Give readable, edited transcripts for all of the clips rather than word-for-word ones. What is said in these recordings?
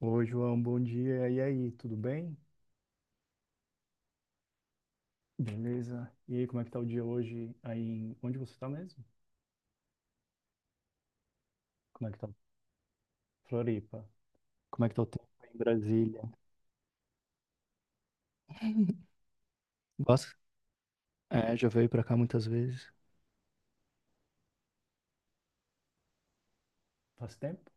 Oi, João, bom dia. E aí, tudo bem? Beleza? E aí, como é que tá o dia hoje aí em... Onde você tá mesmo? Como é que tá Floripa? Como é que tá o tempo aí em Brasília? Gosta? É, já veio pra cá muitas vezes. Faz tempo?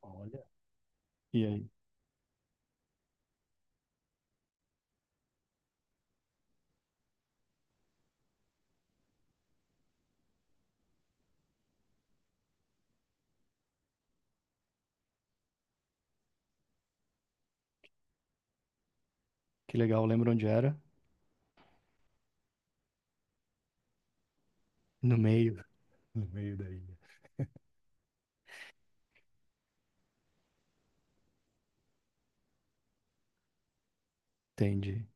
Olha. E aí? Que legal, lembra onde era? No meio. No meio da ilha. Entendi.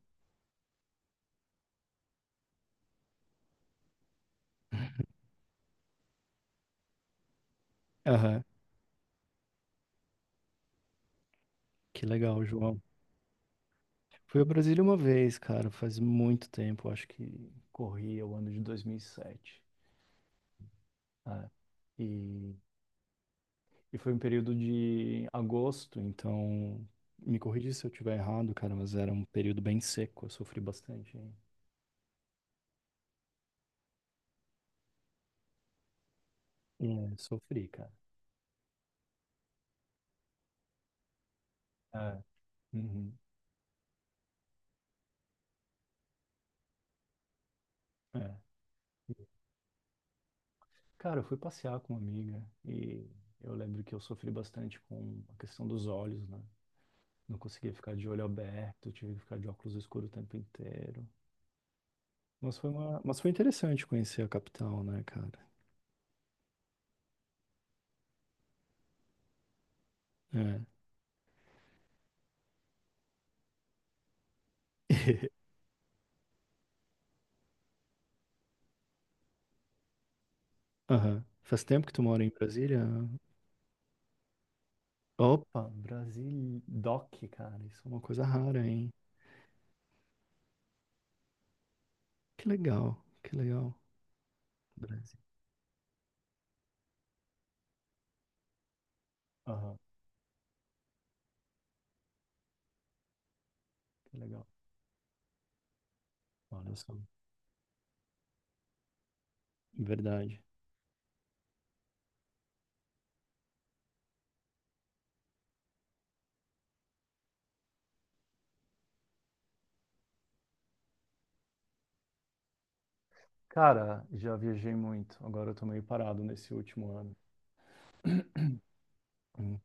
Aham, que legal, João. Fui a Brasília uma vez, cara, faz muito tempo, acho que corria o ano de 2007. É. E foi um período de agosto, então me corrija se eu estiver errado, cara, mas era um período bem seco, eu sofri bastante, hein? É, sofri, cara. É. Uhum. É. Cara, eu fui passear com uma amiga e eu lembro que eu sofri bastante com a questão dos olhos, né? Não conseguia ficar de olho aberto, tive que ficar de óculos escuros o tempo inteiro. Mas foi uma... mas foi interessante conhecer a capital, né, cara? É. Aham. Faz tempo que tu mora em Brasília? Opa, Brasil Doc, cara. Isso é uma coisa rara, hein? Que legal, que legal. Brasil. Aham, que legal. Olha só. Verdade. Cara, já viajei muito. Agora eu tô meio parado nesse último ano. Hum.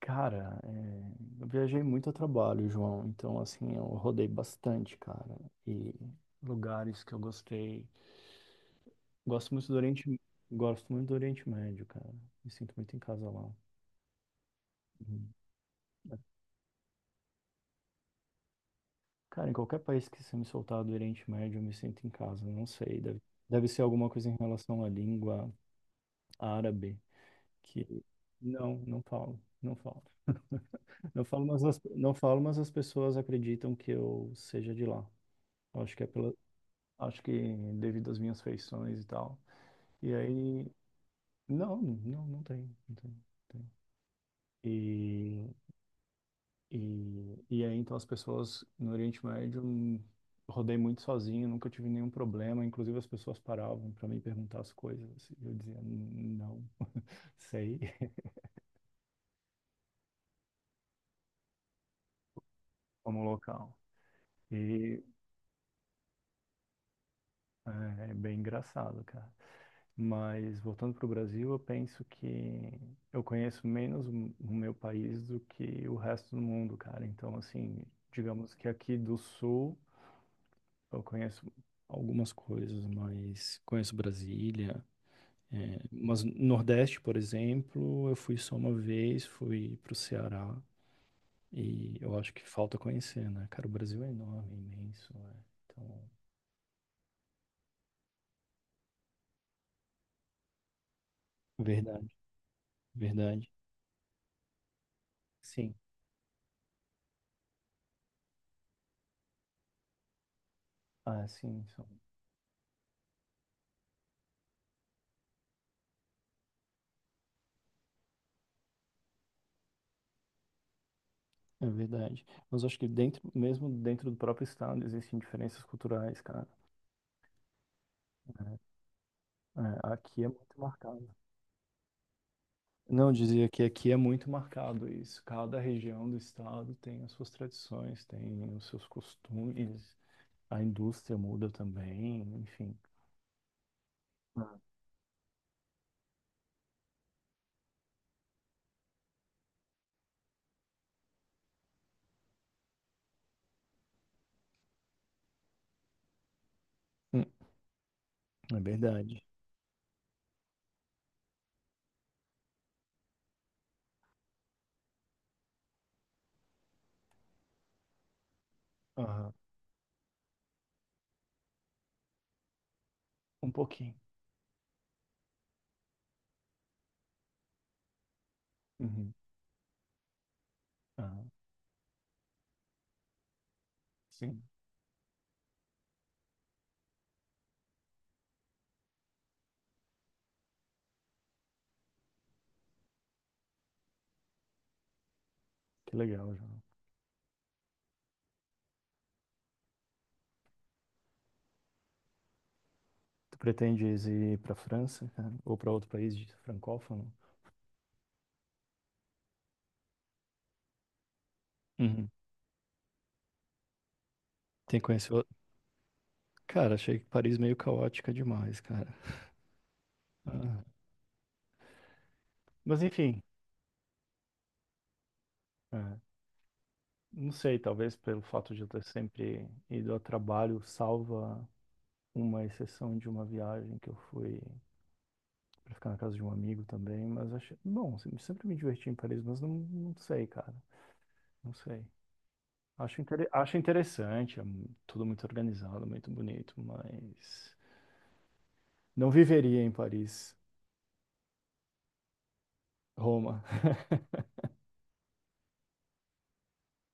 Cara, é, eu viajei muito a trabalho, João. Então, assim, eu rodei bastante, cara. E lugares que eu gostei. Gosto muito do Oriente, gosto muito do Oriente Médio, cara. Me sinto muito em casa lá. Uhum. Cara, em qualquer país que você me soltar do Oriente Médio, eu me sinto em casa. Não sei, deve, deve ser alguma coisa em relação à língua árabe que não, não falo, não falo. Não falo, mas as, não falo, mas as pessoas acreditam que eu seja de lá. Eu acho que é pela, acho que devido às minhas feições e tal. E aí, não, não, não tem, não tem, não tem. E aí, então, as pessoas no Oriente Médio, rodei muito sozinho, nunca tive nenhum problema. Inclusive, as pessoas paravam para me perguntar as coisas. E eu dizia, não sei. Como local. E é, é bem engraçado, cara. Mas, voltando para o Brasil, eu penso que eu conheço menos o meu país do que o resto do mundo, cara. Então, assim, digamos que aqui do Sul, eu conheço algumas coisas, mas conheço Brasília. É, mas Nordeste, por exemplo, eu fui só uma vez, fui pro Ceará e eu acho que falta conhecer, né? Cara, o Brasil é enorme, imenso, né? Então, verdade, verdade. Sim. Ah, sim, são- é verdade. Mas eu acho que dentro, mesmo dentro do próprio estado, existem diferenças culturais, cara. É, aqui é muito marcado. Não, eu dizia que aqui é muito marcado isso. Cada região do estado tem as suas tradições, tem os seus costumes, a indústria muda também, enfim. Ah, Hum, é verdade. Aham. Um pouquinho. Uhum. Ah, sim. Que legal, João. Tu pretendes ir para França, cara? Ou para outro país de francófono? Uhum. Tem que conhecer outro. Cara, achei que Paris meio caótica demais, cara. Ah, mas enfim, é, não sei, talvez pelo fato de eu ter sempre ido a trabalho, salva uma exceção de uma viagem que eu fui pra ficar na casa de um amigo também, mas acho, bom, se- sempre me diverti em Paris, mas não, não sei, cara, não sei. Acho, intere- acho interessante, é mu- tudo muito organizado, muito bonito, mas não viveria em Paris. Roma.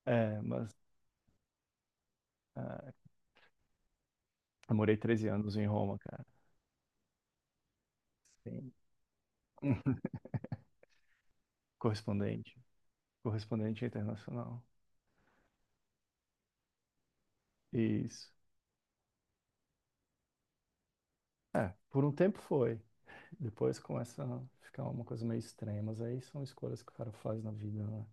É, mas ah, eu morei 13 anos em Roma, cara. Sim. Correspondente, correspondente internacional. Isso. É, por um tempo foi. Depois começa a ficar uma coisa meio estranha, mas aí são escolhas que o cara faz na vida, né?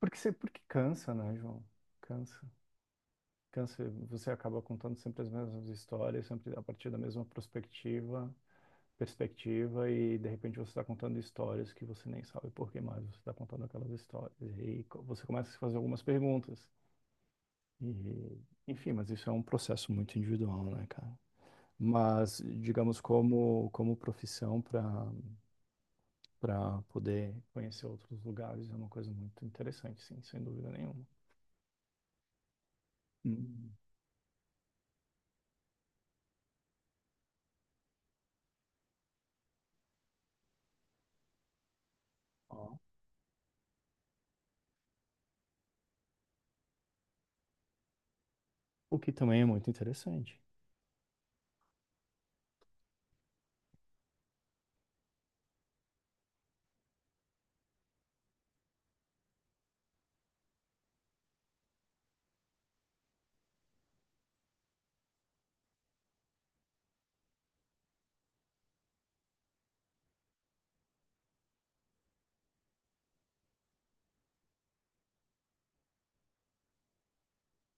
Porque, você, porque cansa, né, João? Cansa. Cansa. Você acaba contando sempre as mesmas histórias, sempre a partir da mesma perspectiva, perspectiva, e de repente você está contando histórias que você nem sabe por que mais você está contando aquelas histórias. E aí co- você começa a se fazer algumas perguntas. E, enfim, mas isso é um processo muito individual, né, cara? Mas, digamos, como, como profissão para poder conhecer outros lugares é uma coisa muito interessante, sim, sem dúvida nenhuma. Hum. Ó. O que também é muito interessante.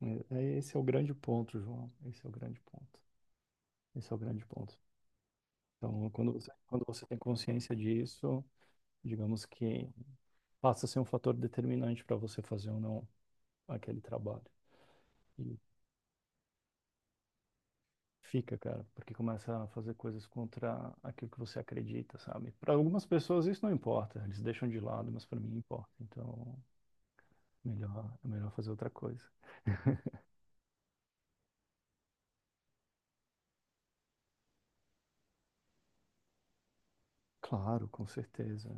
É- é- esse é o grande ponto, João. Esse é o grande ponto. Esse é o grande ponto. Então, quando você tem consciência disso, digamos que passa a ser um fator determinante para você fazer ou não aquele trabalho. E fica, cara, porque começa a fazer coisas contra aquilo que você acredita, sabe? Para algumas pessoas isso não importa, eles deixam de lado, mas para mim importa. Então, melhor, é melhor fazer outra coisa. Claro, com certeza.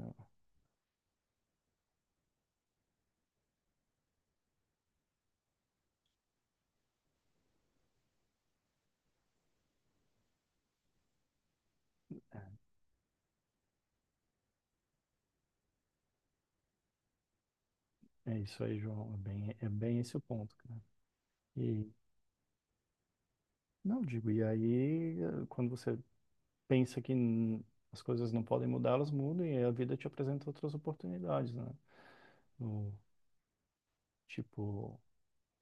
É isso aí, João. É bem esse o ponto, cara. E não digo, e aí quando você pensa que n- as coisas não podem mudar, elas mudam e a vida te apresenta outras oportunidades, né? No, tipo,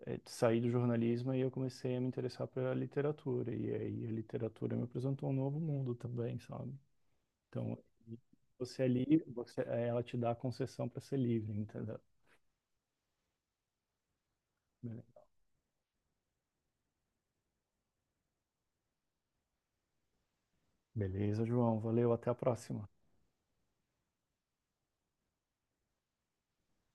saí do jornalismo e eu comecei a me interessar pela literatura e aí a literatura me apresentou um novo mundo também, sabe? Então, você é livre, você, ela te dá a concessão para ser livre, entendeu? Beleza, João. Valeu, até a próxima.